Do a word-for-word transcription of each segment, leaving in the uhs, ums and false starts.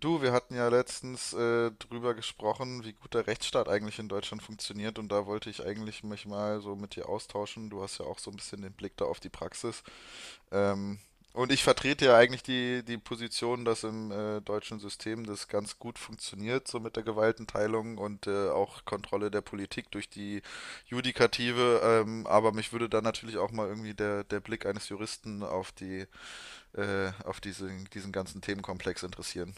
Du, wir hatten ja letztens äh, drüber gesprochen, wie gut der Rechtsstaat eigentlich in Deutschland funktioniert, und da wollte ich eigentlich mich mal so mit dir austauschen. Du hast ja auch so ein bisschen den Blick da auf die Praxis. Ähm, und ich vertrete ja eigentlich die, die Position, dass im äh, deutschen System das ganz gut funktioniert, so mit der Gewaltenteilung und äh, auch Kontrolle der Politik durch die Judikative. Ähm, aber mich würde da natürlich auch mal irgendwie der, der Blick eines Juristen auf die, äh, auf diesen, diesen ganzen Themenkomplex interessieren.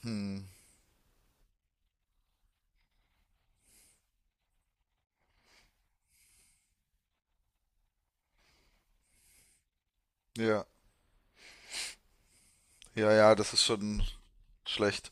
Hm, ja. Ja, ja, das ist schon schlecht.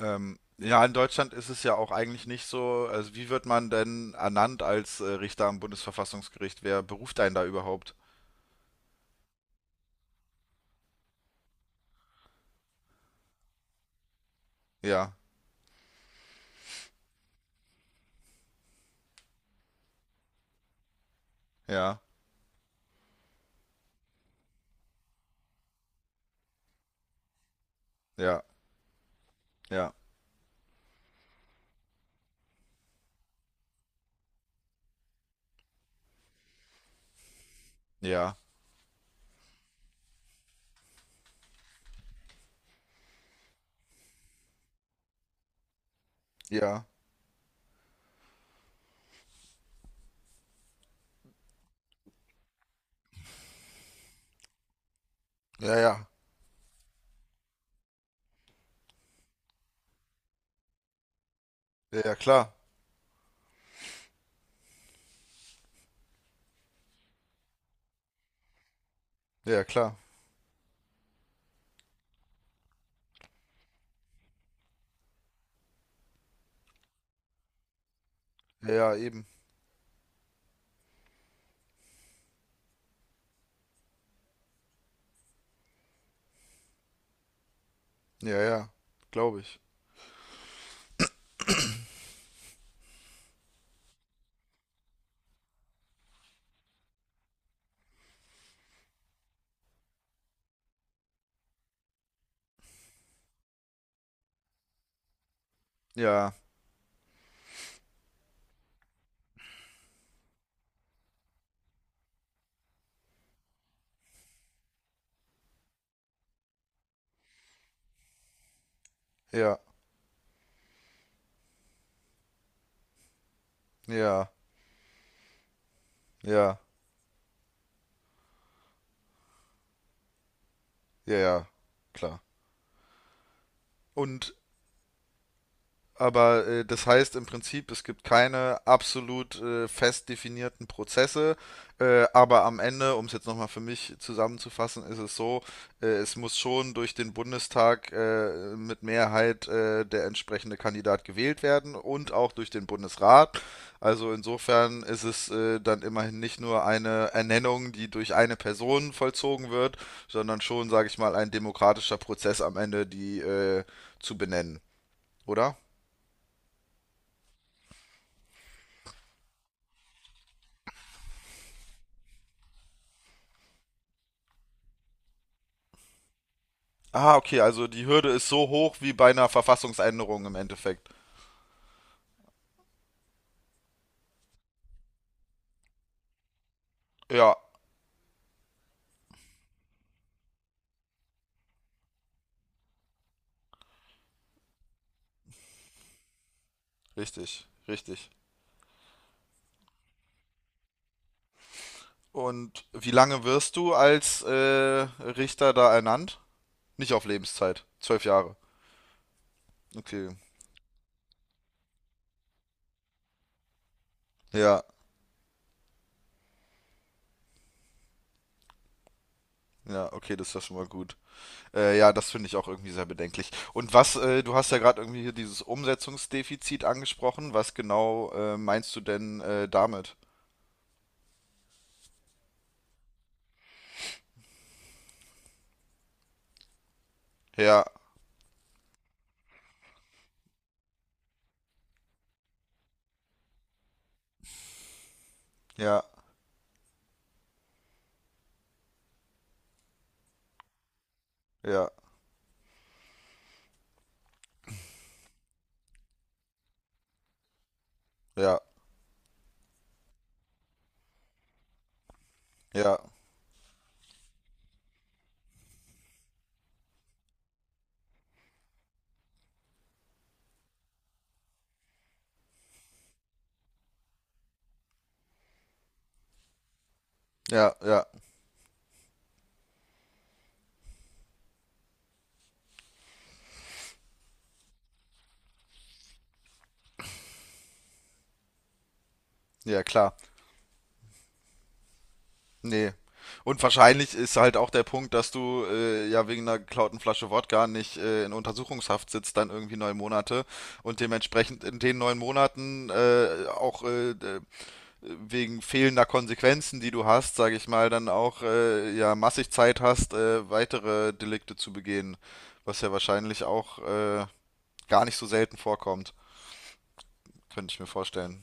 Ähm, ja, in Deutschland ist es ja auch eigentlich nicht so. Also, wie wird man denn ernannt als äh, Richter am Bundesverfassungsgericht? Wer beruft einen da überhaupt? Ja, ja, ja, ja, ja, ja, ja, ja, ja, ja, klar, ja, ja, klar, ja, ja, eben, ja, ja, glaube ich. Ja, ja, ja, ja, ja, ja, klar. Und Aber äh, das heißt im Prinzip, es gibt keine absolut äh, fest definierten Prozesse. Äh, aber am Ende, um es jetzt nochmal für mich zusammenzufassen, ist es so, äh, es muss schon durch den Bundestag äh, mit Mehrheit äh, der entsprechende Kandidat gewählt werden und auch durch den Bundesrat. Also insofern ist es äh, dann immerhin nicht nur eine Ernennung, die durch eine Person vollzogen wird, sondern schon, sage ich mal, ein demokratischer Prozess am Ende, die äh, zu benennen, oder? Ah, okay, also die Hürde ist so hoch wie bei einer Verfassungsänderung im Endeffekt. Ja, richtig, richtig. Und wie lange wirst du als äh, Richter da ernannt? Nicht auf Lebenszeit. Zwölf Jahre. Okay. Ja, ja, okay, das ist ja schon mal gut. Äh, ja, das finde ich auch irgendwie sehr bedenklich. Und was, äh, du hast ja gerade irgendwie hier dieses Umsetzungsdefizit angesprochen. Was genau äh, meinst du denn äh, damit? Ja, ja, ja, ja, ja, ja, ja, ja, klar. Nee. Und wahrscheinlich ist halt auch der Punkt, dass du äh, ja wegen einer geklauten Flasche Wodka nicht äh, in Untersuchungshaft sitzt, dann irgendwie neun Monate, und dementsprechend in den neun Monaten äh, auch äh, d- wegen fehlender Konsequenzen, die du hast, sage ich mal, dann auch äh, ja massig Zeit hast, äh, weitere Delikte zu begehen, was ja wahrscheinlich auch äh, gar nicht so selten vorkommt, könnte ich mir vorstellen.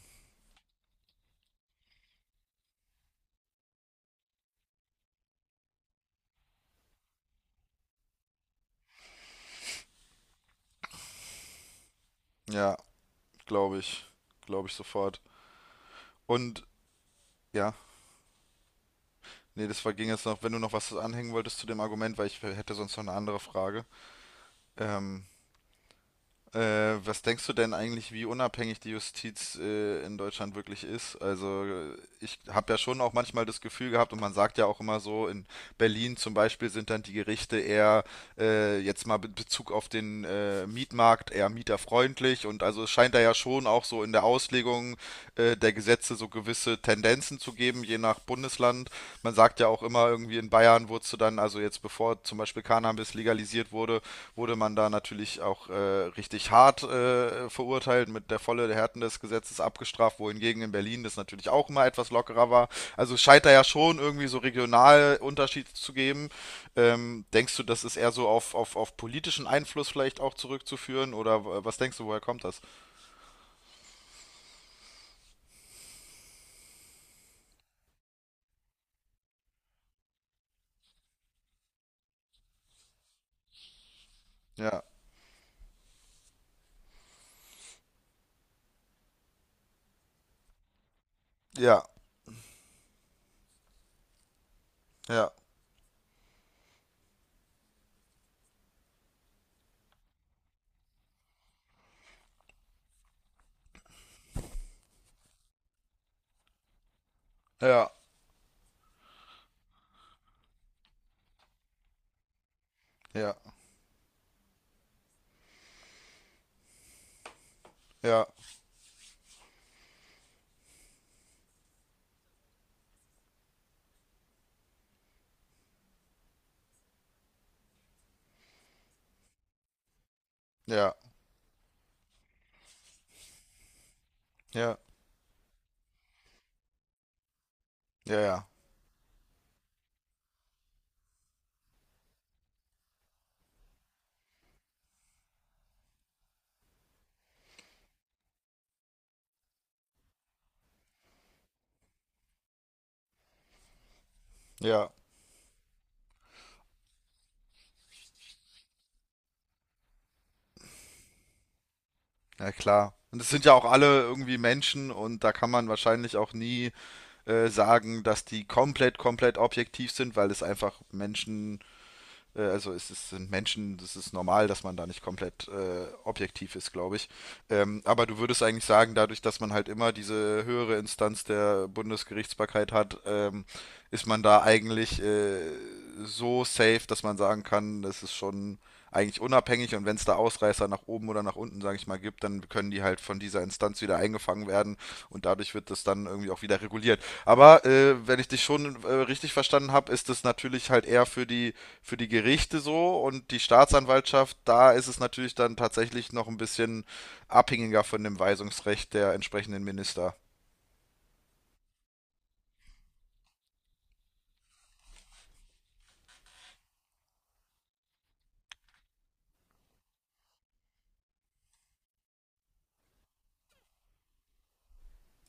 Ja, glaube ich, glaube ich sofort. Und ja. Nee, das war, ging jetzt noch, wenn du noch was anhängen wolltest zu dem Argument, weil ich hätte sonst noch eine andere Frage. Ähm, äh, Was denkst du denn eigentlich, wie unabhängig die Justiz äh, in Deutschland wirklich ist? Also äh, ich habe ja schon auch manchmal das Gefühl gehabt, und man sagt ja auch immer so, in Berlin zum Beispiel sind dann die Gerichte eher, äh, jetzt mal in Bezug auf den äh, Mietmarkt, eher mieterfreundlich, und also es scheint da ja schon auch so in der Auslegung äh, der Gesetze so gewisse Tendenzen zu geben, je nach Bundesland. Man sagt ja auch immer irgendwie, in Bayern wurdest du dann, also jetzt bevor zum Beispiel Cannabis legalisiert wurde, wurde man da natürlich auch äh, richtig hart äh, verurteilt, mit der volle Härten des Gesetzes abgestraft, wohingegen in Berlin das natürlich auch immer etwas lockerer war. Also es scheint da ja schon irgendwie so regional Unterschiede zu geben. Ähm, denkst du, das ist eher so auf, auf, auf politischen Einfluss vielleicht auch zurückzuführen? Oder w- was denkst du, woher kommt das? Ja, ja, ja, ja, ja, ja, ja, ja, ja, ja, ja, ja, klar. Und es sind ja auch alle irgendwie Menschen, und da kann man wahrscheinlich auch nie äh, sagen, dass die komplett, komplett objektiv sind, weil es einfach Menschen. Äh, also es ist, sind Menschen, das ist normal, dass man da nicht komplett äh, objektiv ist, glaube ich. Ähm, aber du würdest eigentlich sagen, dadurch, dass man halt immer diese höhere Instanz der Bundesgerichtsbarkeit hat, ähm, ist man da eigentlich äh, so safe, dass man sagen kann, das ist schon eigentlich unabhängig abhängig, und wenn es da Ausreißer nach oben oder nach unten, sage ich mal, gibt, dann können die halt von dieser Instanz wieder eingefangen werden, und dadurch wird das dann irgendwie auch wieder reguliert. Aber äh, wenn ich dich schon äh, richtig verstanden habe, ist das natürlich halt eher für die, für die Gerichte so, und die Staatsanwaltschaft, da ist es natürlich dann tatsächlich noch ein bisschen abhängiger von dem Weisungsrecht der entsprechenden Minister.